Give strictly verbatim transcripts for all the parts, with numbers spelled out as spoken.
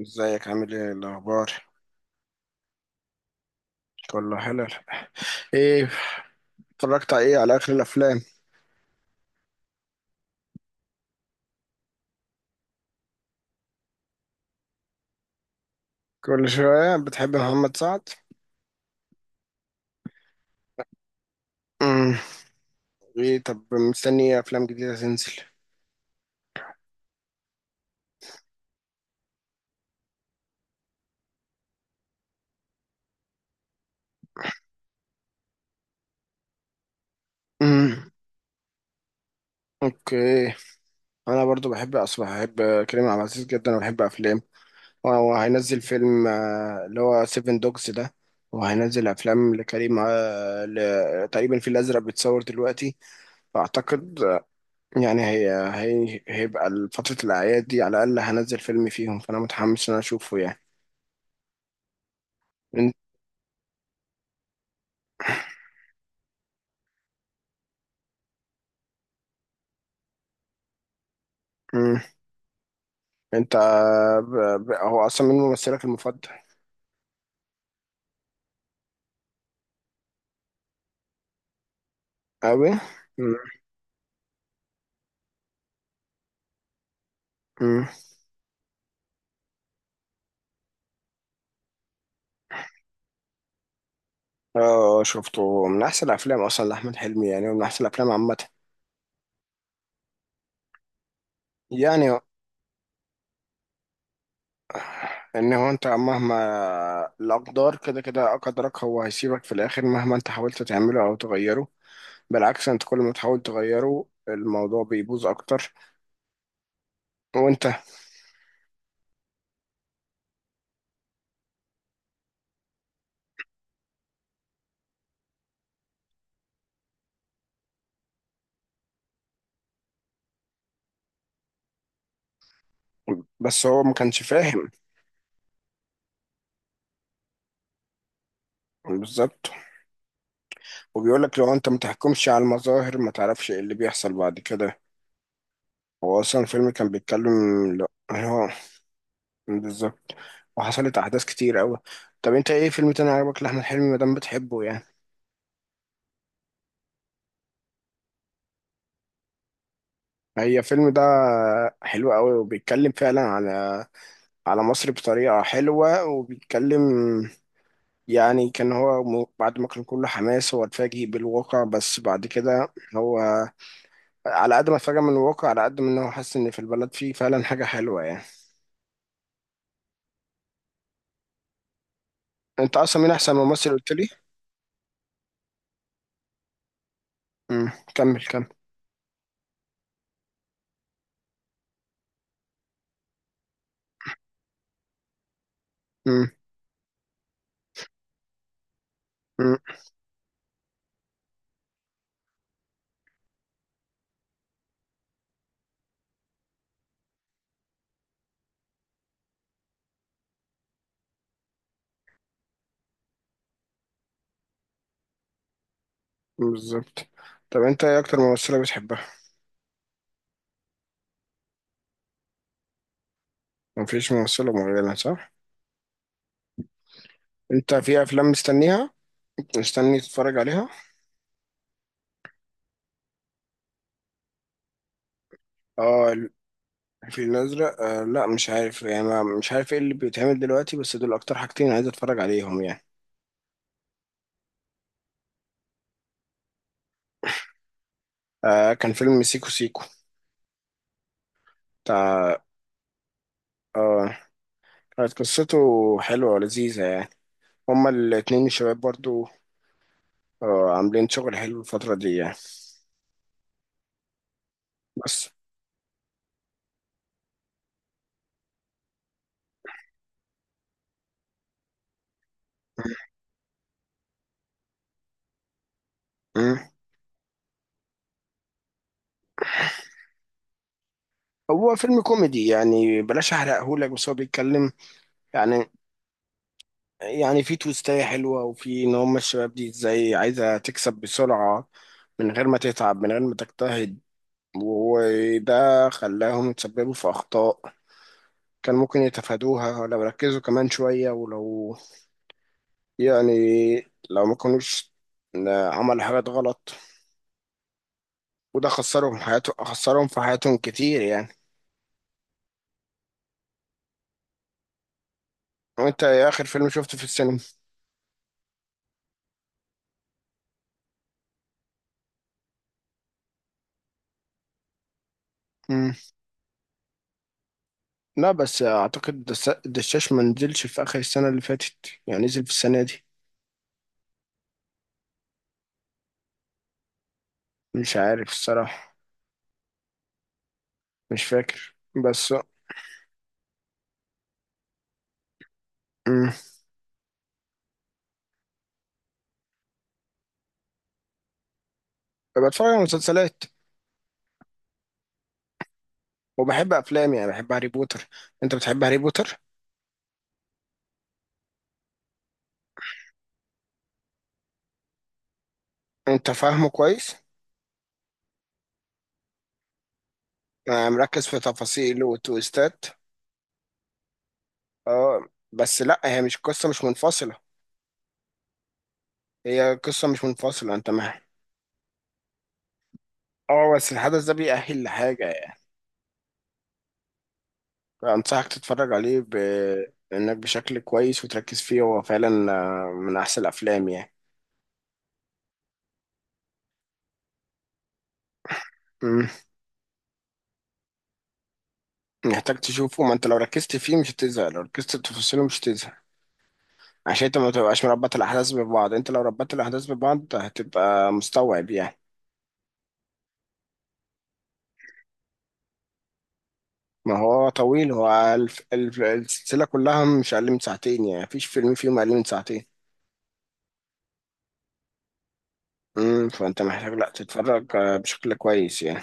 ازيك عامل ايه الاخبار؟ كله حلو. ايه؟ اتفرجت على ايه، على اخر الافلام؟ كل شويه بتحب محمد سعد؟ امم. ايه، طب مستني افلام جديده تنزل؟ امم. اوكي. انا برضو بحب، اصلا بحب كريم عبد العزيز جدا وبحب افلام. هو هينزل فيلم آه، اللي هو سيفن دوجز ده. وهينزل افلام لكريم آه، ل- تقريبا في الازرق بيتصور دلوقتي. فاعتقد يعني هي هي هيبقى فترة الأعياد دي على الأقل هنزل فيلم فيهم، فأنا متحمس إن أنا أشوفه يعني. أنت. مم. أنت ب... ب... هو أصلا من ممثلك المفضل؟ أوي. مم. مم. آه، شفته من أحسن الأفلام أصلا لأحمد حلمي يعني، ومن أحسن الأفلام عامة. يعني إن هو أنت مهما الأقدار كده كده أقدرك، هو هيسيبك في الآخر مهما أنت حاولت تعمله أو تغيره. بالعكس، أنت كل ما تحاول تغيره الموضوع بيبوظ أكتر. وأنت. بس هو ما كانش فاهم. بالظبط. وبيقول لك لو انت ما تحكمش على المظاهر ما تعرفش ايه اللي بيحصل بعد كده. هو اصلا الفيلم كان بيتكلم. لا. هو بالظبط. وحصلت احداث كتير قوي. طب انت ايه فيلم تاني عجبك لاحمد حلمي ما دام بتحبه يعني؟ هي الفيلم ده حلو قوي، وبيتكلم فعلا على على مصر بطريقة حلوة، وبيتكلم يعني كان هو م- بعد ما كان كله حماس هو اتفاجئ بالواقع، بس بعد كده هو على قد ما اتفاجئ من الواقع على قد ما إن هو حاسس ان في البلد فيه فعلا حاجه حلوه يعني. انت اصلا مين احسن ممثل قلت لي؟ امم، كمل كمل. امم. امم. بالظبط. طب انت ايه اكتر ممثله بتحبها؟ مفيش ممثله معينه، صح؟ انت في افلام مستنيها، مستني تتفرج عليها؟ اه. الفيل الازرق. آه لا، مش عارف يعني، ما- مش عارف ايه اللي بيتعمل دلوقتي، بس دول اكتر حاجتين عايز اتفرج عليهم يعني. آه كان فيلم سيكو سيكو بتاع. اه كانت قصته حلوه ولذيذه يعني. هما الاتنين الشباب برضو اه عاملين شغل حلو الفترة دي يعني. بس. مم. هو فيلم كوميدي يعني، بلاش احرقهولك، بس هو بيتكلم يعني يعني في تويستاية حلوة، وفي ان هم الشباب دي ازاي عايزة تكسب بسرعة من غير ما تتعب من غير ما تجتهد. وده خلاهم يتسببوا في أخطاء كان ممكن يتفادوها لو ركزوا كمان شوية ولو يعني لو ما كانوش عملوا حاجات غلط، وده خسرهم حياته خسرهم في حياتهم كتير يعني. وانت ايه اخر فيلم شفته في السينما؟ مم. لا بس اعتقد دس- الدشاش ما نزلش في اخر السنه اللي فاتت، يعني نزل في السنه دي. مش عارف الصراحه. مش فاكر. بس. مم. بتفرج على مسلسلات، وبحب افلام يعني، بحب هاري بوتر. انت بتحب هاري بوتر؟ انت فاهمه كويس؟ آه، مركز في تفاصيله وتويستات. اه بس لا، هي مش قصه مش منفصله. هي قصه مش منفصله، انت معايا؟ اه بس الحدث ده بيأهل لحاجه. أنصحك تتفرج عليه بإنك بشكل كويس وتركز فيه، هو فعلا آه، من أحسن الأفلام يعني. مم. محتاج تشوفه. ما أنت لو ركزت فيه مش هتزهق، لو ركزت في تفاصيله مش هتزهق. عشان أنت ما تبقاش مربط الأحداث ببعض. أنت لو ربطت الأحداث ببعض هتبقى مستوعب يعني. ما هو طويل، هو الف... الف... السلسلة كلها مش أقل من ساعتين يعني، مفيش فيلم فيهم أقل من ساعتين. مم. فأنت محتاج، لأ تتفرج آه، بشكل كويس يعني.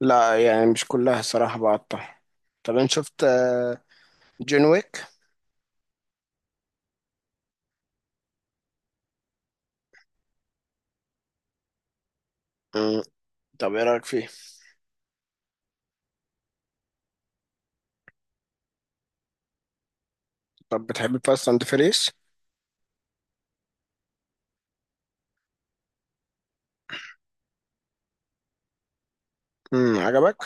لا يعني مش كلها الصراحة، بقطع. طب أنت شفت آه، جون ويك؟ طب ايه رايك فيه؟ طب بتحب فاست اند فيريس؟ امم، عجبك؟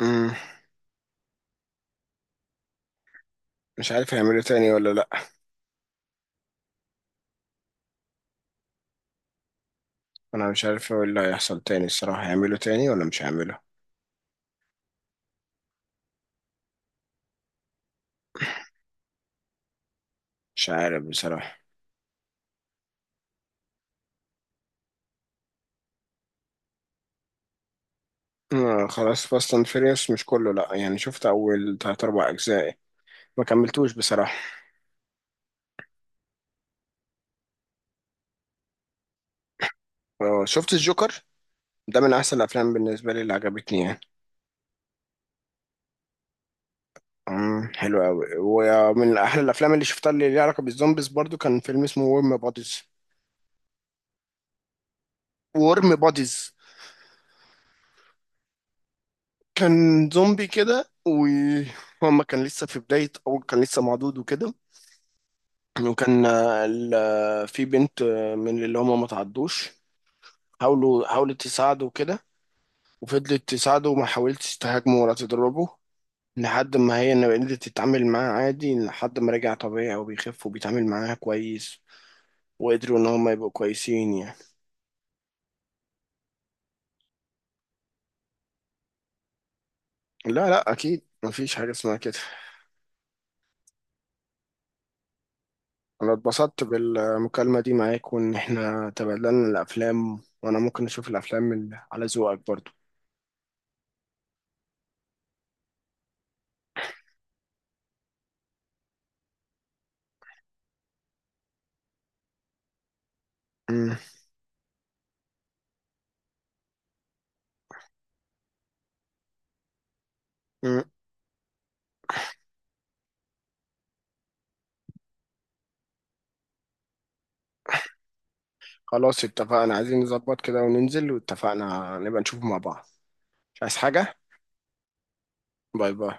امم. مش عارف هيعملوا تاني ولا لا. انا مش عارف ايه اللي هيحصل تاني الصراحه، هيعملوا تاني ولا مش هيعملوا؟ مش عارف بصراحه. آه خلاص، فاست اند فيريس مش كله، لا يعني شفت اول تلات اربع اجزاء، ما كملتوش بصراحه. آه شفت الجوكر، ده من احسن الافلام بالنسبه لي اللي عجبتني يعني. امم، حلو قوي، ومن احلى الافلام اللي شفتها اللي ليها علاقه بالزومبيز برضو كان فيلم اسمه ورم بوديز. ورم بوديز. كان زومبي كده، وهما كان لسه في بداية، أول كان لسه معدود وكده. وكان آه، ال- آه، في بنت آه، من اللي هما ما تعدوش. حاولوا حاولت تساعده وكده، وفضلت تساعده وما حاولتش تهاجمه ولا تضربه، لحد ما هي إن قدرت تتعامل معاه عادي لحد ما رجع طبيعي وبيخف وبيتعامل معاها كويس، وقدروا إن هما يبقوا كويسين يعني. لا لا، أكيد مفيش حاجة اسمها كده. انا اتبسطت بالمكالمة دي معاك، وان احنا تبادلنا الافلام، وانا ممكن اشوف الافلام اللي على ذوقك برضو. مم. مم. خلاص اتفقنا، عايزين نظبط كده وننزل، واتفقنا نبقى نشوف مع بعض. مش عايز حاجة. باي باي.